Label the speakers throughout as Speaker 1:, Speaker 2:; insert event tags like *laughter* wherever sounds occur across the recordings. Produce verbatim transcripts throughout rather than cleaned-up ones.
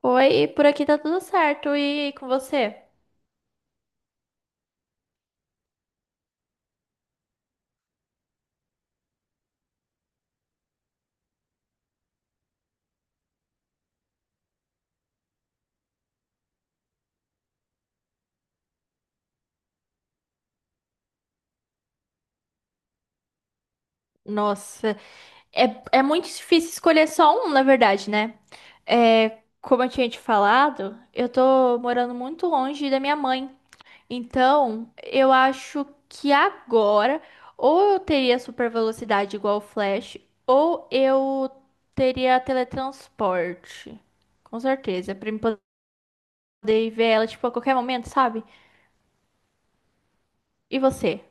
Speaker 1: Oi, por aqui tá tudo certo. E com você? Nossa, é, é muito difícil escolher só um, na verdade, né? É, como eu tinha te falado, eu tô morando muito longe da minha mãe. Então, eu acho que agora, ou eu teria super velocidade igual o Flash, ou eu teria teletransporte. Com certeza, pra eu poder ver ela, tipo, a qualquer momento, sabe? E você?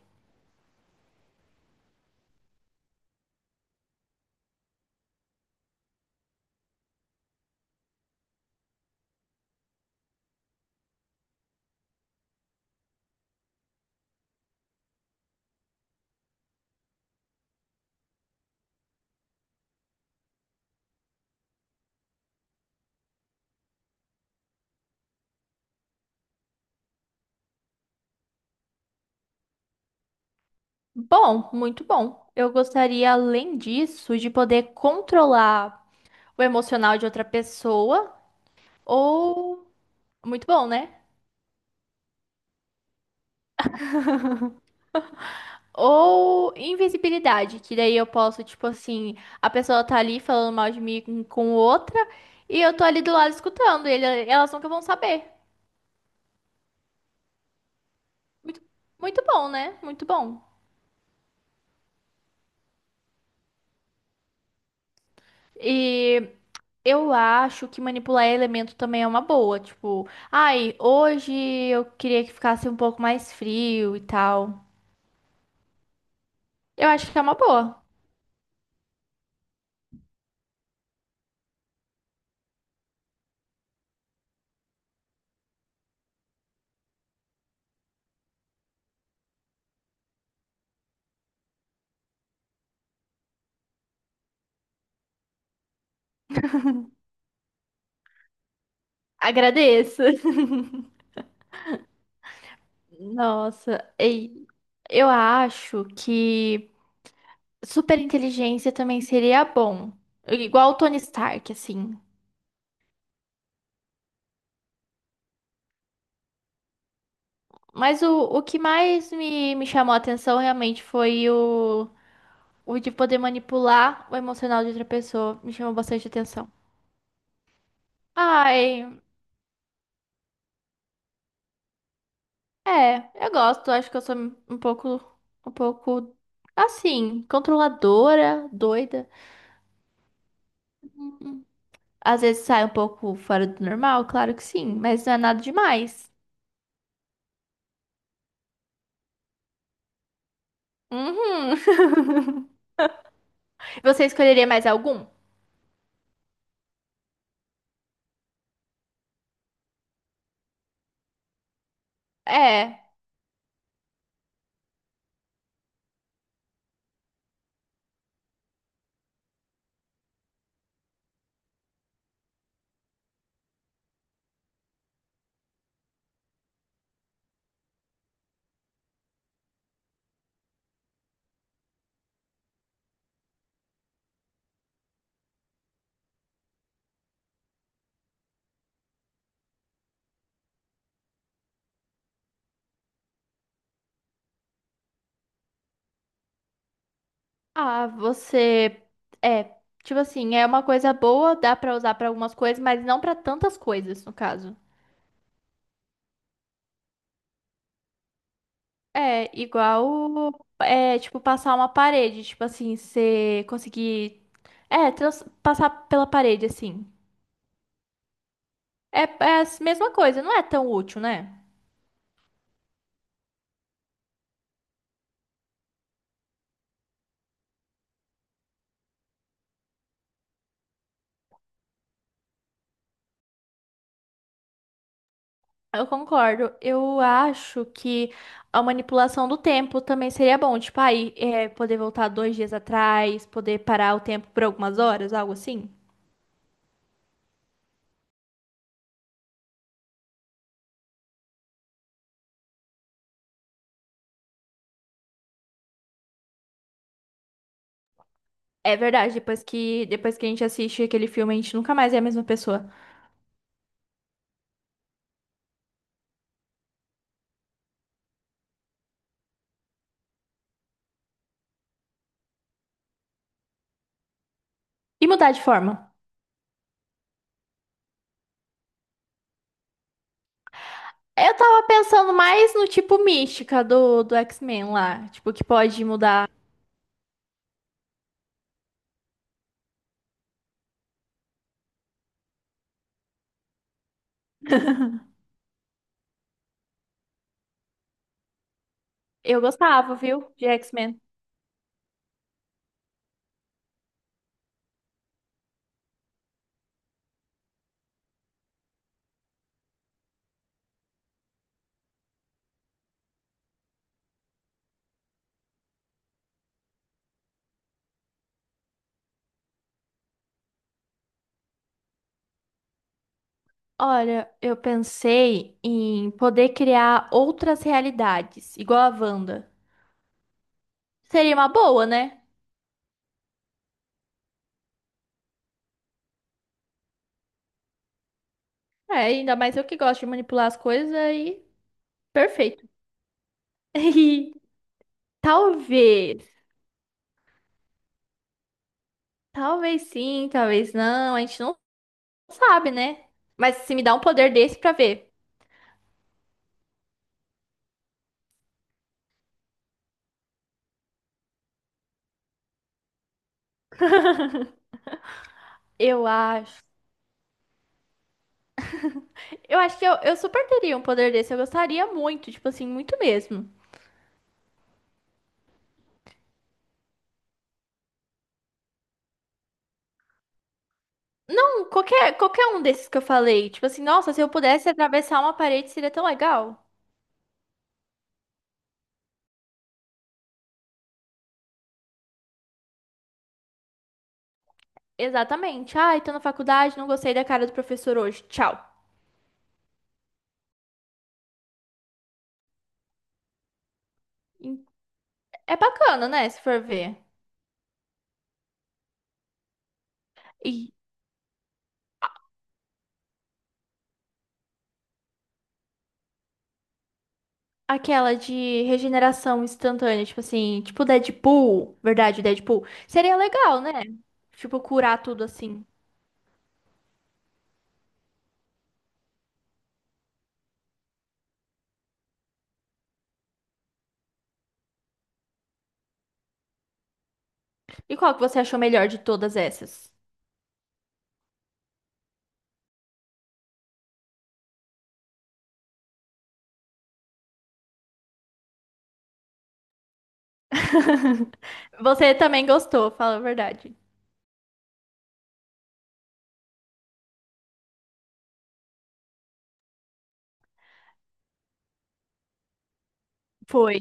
Speaker 1: Bom, muito bom. Eu gostaria, além disso, de poder controlar o emocional de outra pessoa, ou muito bom, né? Ou invisibilidade, que daí eu posso, tipo assim, a pessoa tá ali falando mal de mim com com outra e eu tô ali do lado escutando, ele, elas nunca vão saber. Muito, muito bom, né? Muito bom. E eu acho que manipular elemento também é uma boa, tipo, ai, hoje eu queria que ficasse um pouco mais frio e tal. Eu acho que é uma boa. Agradeço. *laughs* Nossa, ei, eu acho que superinteligência também seria bom. Igual o Tony Stark, assim. Mas o, o que mais me, me chamou a atenção realmente foi o, o de poder manipular o emocional de outra pessoa. Me chamou bastante atenção. Ai, é, eu gosto. Acho que eu sou um pouco, um pouco assim, controladora, doida. Uhum. Às vezes sai um pouco fora do normal, claro que sim, mas não é nada demais. Uhum. *laughs* Você escolheria mais algum? É. Ah, você é, tipo assim, é uma coisa boa, dá pra usar pra algumas coisas, mas não pra tantas coisas, no caso. É, igual é, tipo passar uma parede, tipo assim, você conseguir é, trans- passar pela parede assim. É, é a mesma coisa, não é tão útil, né? Eu concordo. Eu acho que a manipulação do tempo também seria bom. Tipo, aí, é, poder voltar dois dias atrás, poder parar o tempo por algumas horas, algo assim. É verdade, depois que, depois que a gente assiste aquele filme, a gente nunca mais é a mesma pessoa. E mudar de forma. Eu tava pensando mais no tipo mística do, do, X-Men lá. Tipo, que pode mudar. Eu gostava, viu, de X-Men. Olha, eu pensei em poder criar outras realidades, igual a Wanda. Seria uma boa, né? É, ainda mais eu que gosto de manipular as coisas aí. Perfeito. *laughs* E talvez. Talvez sim, talvez não. A gente não sabe, né? Mas se me dá um poder desse pra ver. Eu acho. Eu acho que eu, eu super teria um poder desse. Eu gostaria muito, tipo assim, muito mesmo. Não, qualquer, qualquer um desses que eu falei. Tipo assim, nossa, se eu pudesse atravessar uma parede seria tão legal. Exatamente. Ai, tô na faculdade, não gostei da cara do professor hoje. Tchau. É bacana, né? Se for ver. E aquela de regeneração instantânea, tipo assim, tipo Deadpool, verdade, Deadpool. Seria legal, né? Tipo, curar tudo assim. E qual que você achou melhor de todas essas? *laughs* Você também gostou, fala a verdade. Foi.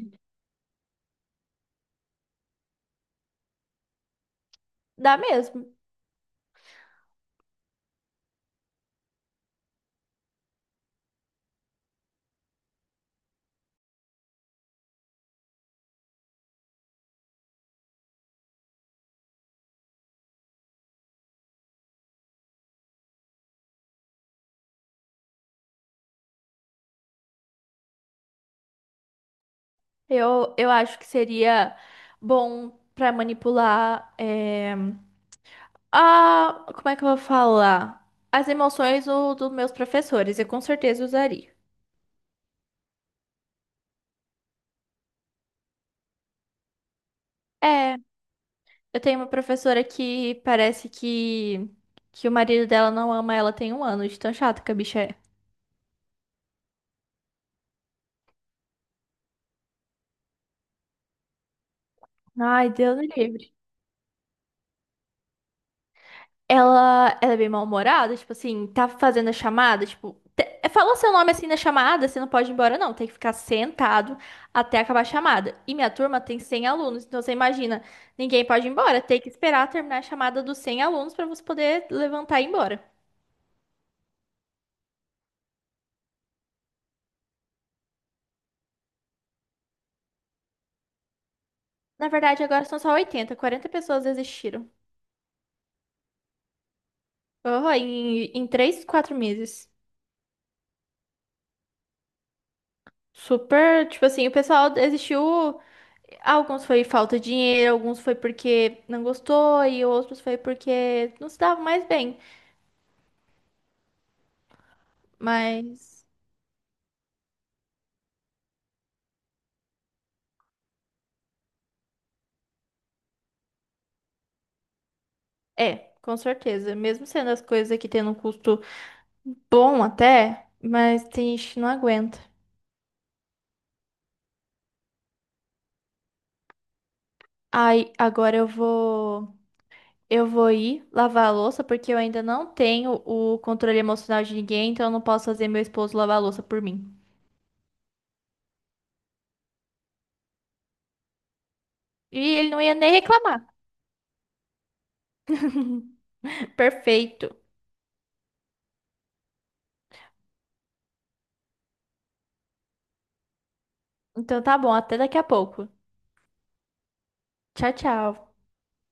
Speaker 1: Dá mesmo. Eu, eu acho que seria bom pra manipular. É, a, como é que eu vou falar? As emoções do- dos meus professores. Eu com certeza usaria. É. Eu tenho uma professora que parece que, que o marido dela não ama ela tem um ano, de tão chato que a bicha é. Ai, Deus me livre. Ela, ela é bem mal-humorada, tipo assim, tá fazendo a chamada, tipo, te- falou seu nome assim na chamada, você não pode ir embora, não, tem que ficar sentado até acabar a chamada. E minha turma tem cem alunos, então você imagina, ninguém pode ir embora, tem que esperar terminar a chamada dos cem alunos pra você poder levantar e ir embora. Na verdade, agora são só oitenta, quarenta pessoas desistiram. Oh, em, em três, quatro meses. Super, tipo assim, o pessoal desistiu. Alguns foi falta de dinheiro, alguns foi porque não gostou, e outros foi porque não se dava mais bem. Mas é, com certeza. Mesmo sendo as coisas aqui tendo um custo bom até, mas tem gente que não aguenta. Aí, agora eu vou. Eu vou ir lavar a louça, porque eu ainda não tenho o controle emocional de ninguém, então eu não posso fazer meu esposo lavar a louça por mim. E ele não ia nem reclamar. *laughs* Perfeito. Então tá bom, até daqui a pouco. Tchau, tchau.